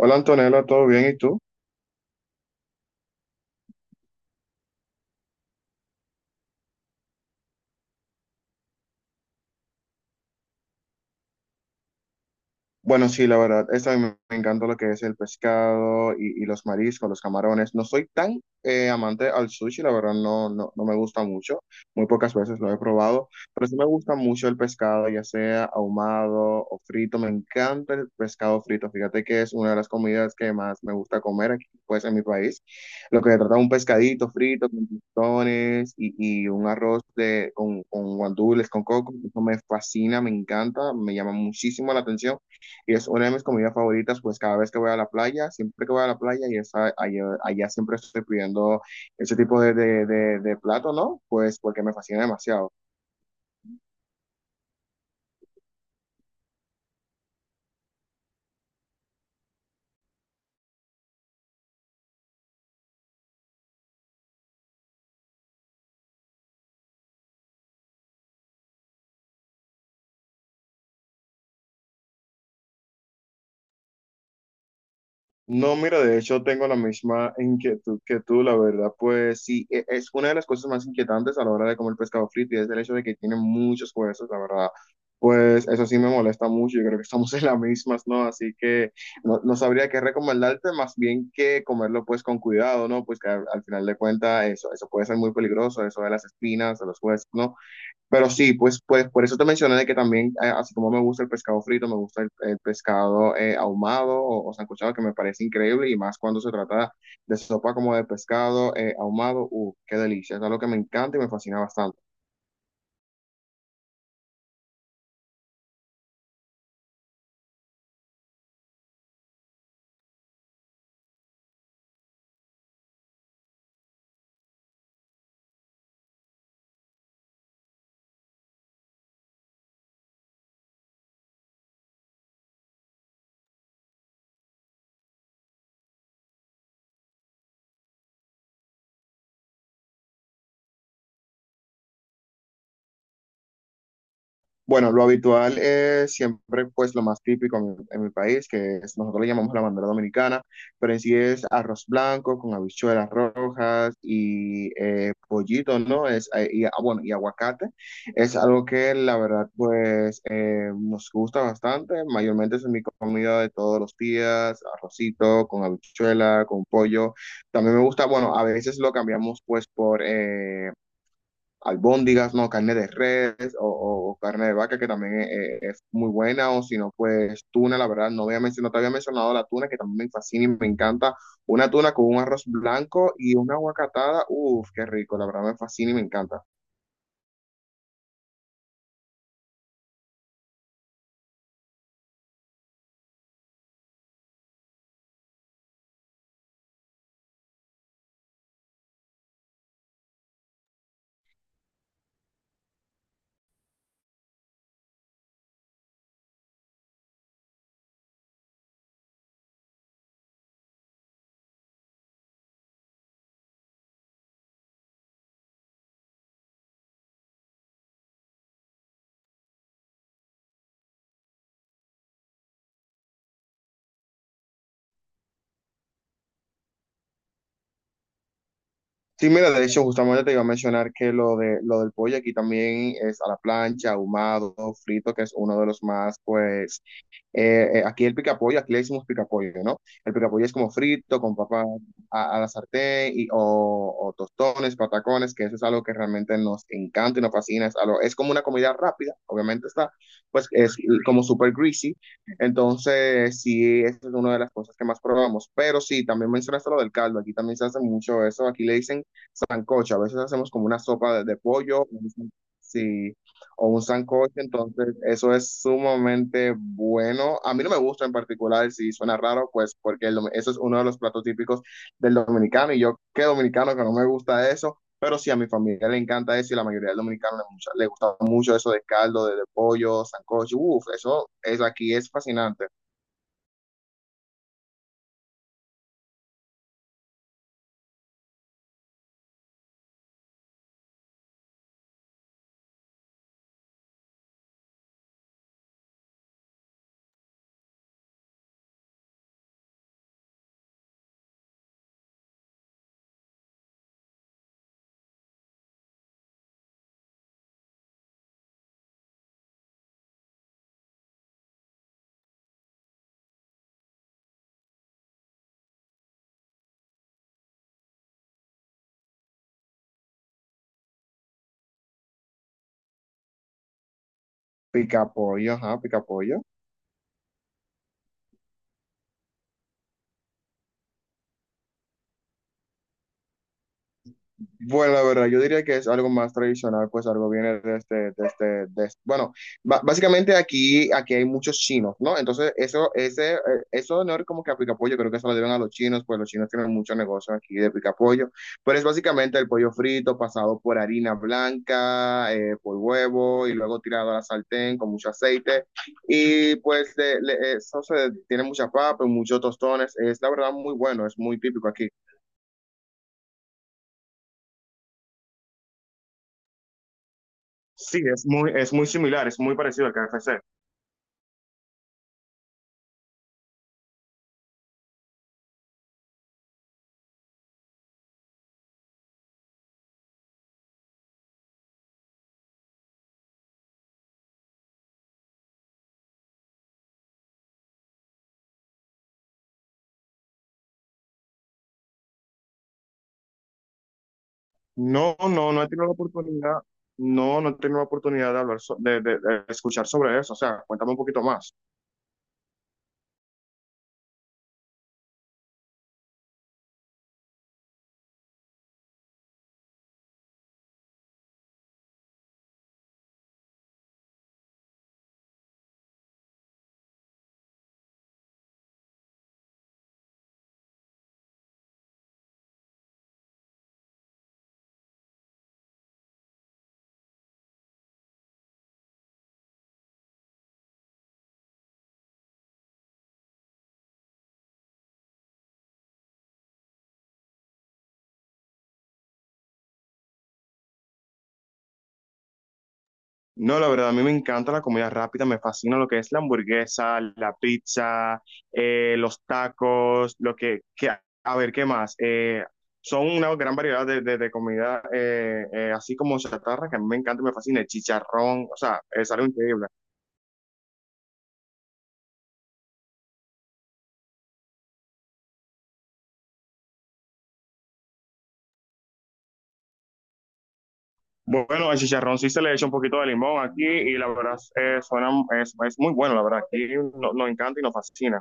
Hola Antonella, ¿todo bien? ¿Y tú? Bueno, sí, la verdad, esa me encanta lo que es el pescado y los mariscos, los camarones. No soy tan amante al sushi, la verdad, no, no, no me gusta mucho. Muy pocas veces lo he probado, pero sí me gusta mucho el pescado, ya sea ahumado o frito. Me encanta el pescado frito. Fíjate que es una de las comidas que más me gusta comer aquí, pues, en mi país. Lo que se trata de un pescadito frito con tostones y un arroz de, con guandules, con coco. Eso me fascina, me encanta, me llama muchísimo la atención. Y es una de mis comidas favoritas, pues cada vez que voy a la playa, siempre que voy a la playa, y allá, allá siempre estoy pidiendo ese tipo de plato, ¿no? Pues porque me fascina demasiado. No, mira, de hecho tengo la misma inquietud que tú, la verdad, pues sí, es una de las cosas más inquietantes a la hora de comer pescado frito y es el hecho de que tiene muchos huesos, la verdad, pues eso sí me molesta mucho, yo creo que estamos en las mismas, ¿no? Así que no, no sabría qué recomendarte, más bien que comerlo pues con cuidado, ¿no? Pues que al final de cuentas eso, eso puede ser muy peligroso, eso de las espinas, de los huesos, ¿no? Pero sí, pues, pues por eso te mencioné de que también, así como me gusta el pescado frito, me gusta el pescado ahumado o sancochado, que me parece increíble, y más cuando se trata de sopa como de pescado ahumado, qué delicia, es algo que me encanta y me fascina bastante. Bueno, lo habitual es siempre pues lo más típico en mi país, que es, nosotros le llamamos la bandera dominicana, pero en sí es arroz blanco con habichuelas rojas y pollito, ¿no? Es, y, ah, bueno, y aguacate. Es algo que la verdad pues nos gusta bastante, mayormente es mi comida de todos los días, arrocito con habichuela, con pollo. También me gusta, bueno, a veces lo cambiamos pues por... albóndigas, ¿no? Carne de res o, carne de vaca, que también es muy buena, o si no, pues tuna, la verdad, no, había mencionado, te había mencionado la tuna, que también me fascina y me encanta. Una tuna con un arroz blanco y una aguacatada, uff, qué rico, la verdad me fascina y me encanta. Sí, mira, de hecho, justamente te iba a mencionar que lo de lo del pollo aquí también es a la plancha, ahumado, frito, que es uno de los más, pues, aquí el picapollo, aquí le decimos picapollo, ¿no? El picapollo es como frito, con papa a la sartén, y, o tostones, patacones, que eso es algo que realmente nos encanta y nos fascina. Es, es como una comida rápida, obviamente está, pues es como súper greasy. Entonces, sí, esa es una de las cosas que más probamos. Pero sí, también mencionaste lo del caldo, aquí también se hace mucho eso, aquí le dicen sancocho, a veces hacemos como una sopa de pollo, sí o un sancocho, entonces eso es sumamente bueno. A mí no me gusta en particular, si suena raro, pues porque el eso es uno de los platos típicos del dominicano y yo que dominicano que no me gusta eso, pero sí a mi familia le encanta eso y la mayoría del dominicano le, le gusta mucho eso de caldo, de pollo, sancocho, uff, eso aquí es fascinante. Pica pollo, ajá, pica pollo. Bueno, la verdad, yo diría que es algo más tradicional, pues algo viene de este, Bueno, básicamente aquí, aquí hay muchos chinos, ¿no? Entonces, eso, ese, eso no es como que a picapollo, creo que eso lo deben a los chinos, pues los chinos tienen mucho negocio aquí de picapollo, pero es básicamente el pollo frito pasado por harina blanca, por huevo y luego tirado a la sartén con mucho aceite. Y pues eso se, tiene mucha papa, muchos tostones, es la verdad muy bueno, es muy típico aquí. Sí, es muy similar, es muy parecido al KFC. No, no, no he tenido la oportunidad, no, no he tenido la oportunidad de hablar, de, de escuchar sobre eso. O sea, cuéntame un poquito más. No, la verdad, a mí me encanta la comida rápida, me fascina lo que es la hamburguesa, la pizza, los tacos, lo que, a ver, ¿qué más? Son una gran variedad de, de comida, así como chatarra, que a mí me encanta y me fascina, el chicharrón, o sea, es algo increíble. Bueno, el chicharrón sí se le echa un poquito de limón aquí y la verdad suena, es muy bueno, la verdad. Aquí nos encanta y nos fascina.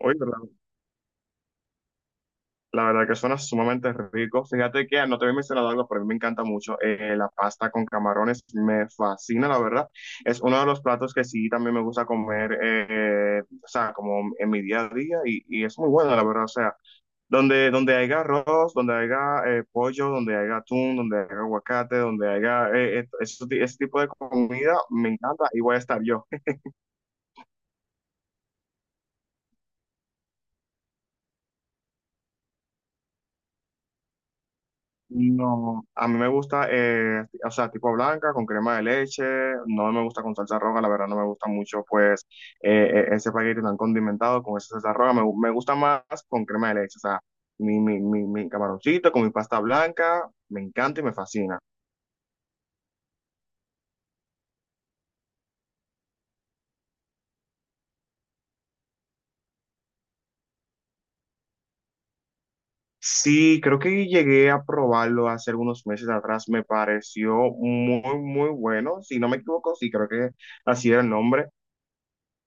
Oye, la verdad que suena sumamente rico. Fíjate que no te había mencionado algo, pero a mí me encanta mucho la pasta con camarones. Me fascina, la verdad. Es uno de los platos que sí también me gusta comer, o sea, como en mi día a día y es muy bueno, la verdad. O sea, donde, donde haya arroz, donde haya pollo, donde haya atún, donde haya aguacate, donde haya ese, tipo de comida, me encanta y voy a estar yo. No, a mí me gusta, o sea, tipo blanca, con crema de leche, no me gusta con salsa roja, la verdad no me gusta mucho, pues, ese paquete tan condimentado con esa salsa roja, me, me gusta más con crema de leche, o sea, mi camaroncito con mi pasta blanca, me encanta y me fascina. Sí, creo que llegué a probarlo hace algunos meses atrás. Me pareció muy, muy bueno. Si no me equivoco, sí, creo que así era el nombre.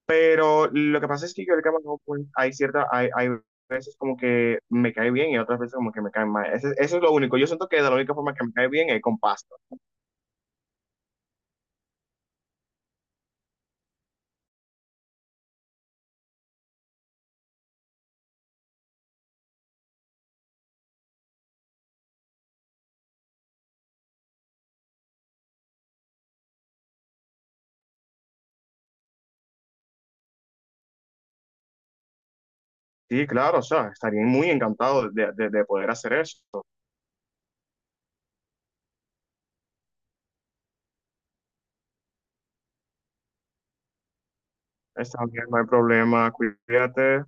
Pero lo que pasa es que yo el camarón, pues, hay cierta, hay veces como que me cae bien y otras veces como que me cae mal. Eso es lo único. Yo siento que de la única forma que me cae bien es con pasta. Sí, claro, o sea, estaría muy encantado de poder hacer eso. Está bien, no hay problema. Cuídate.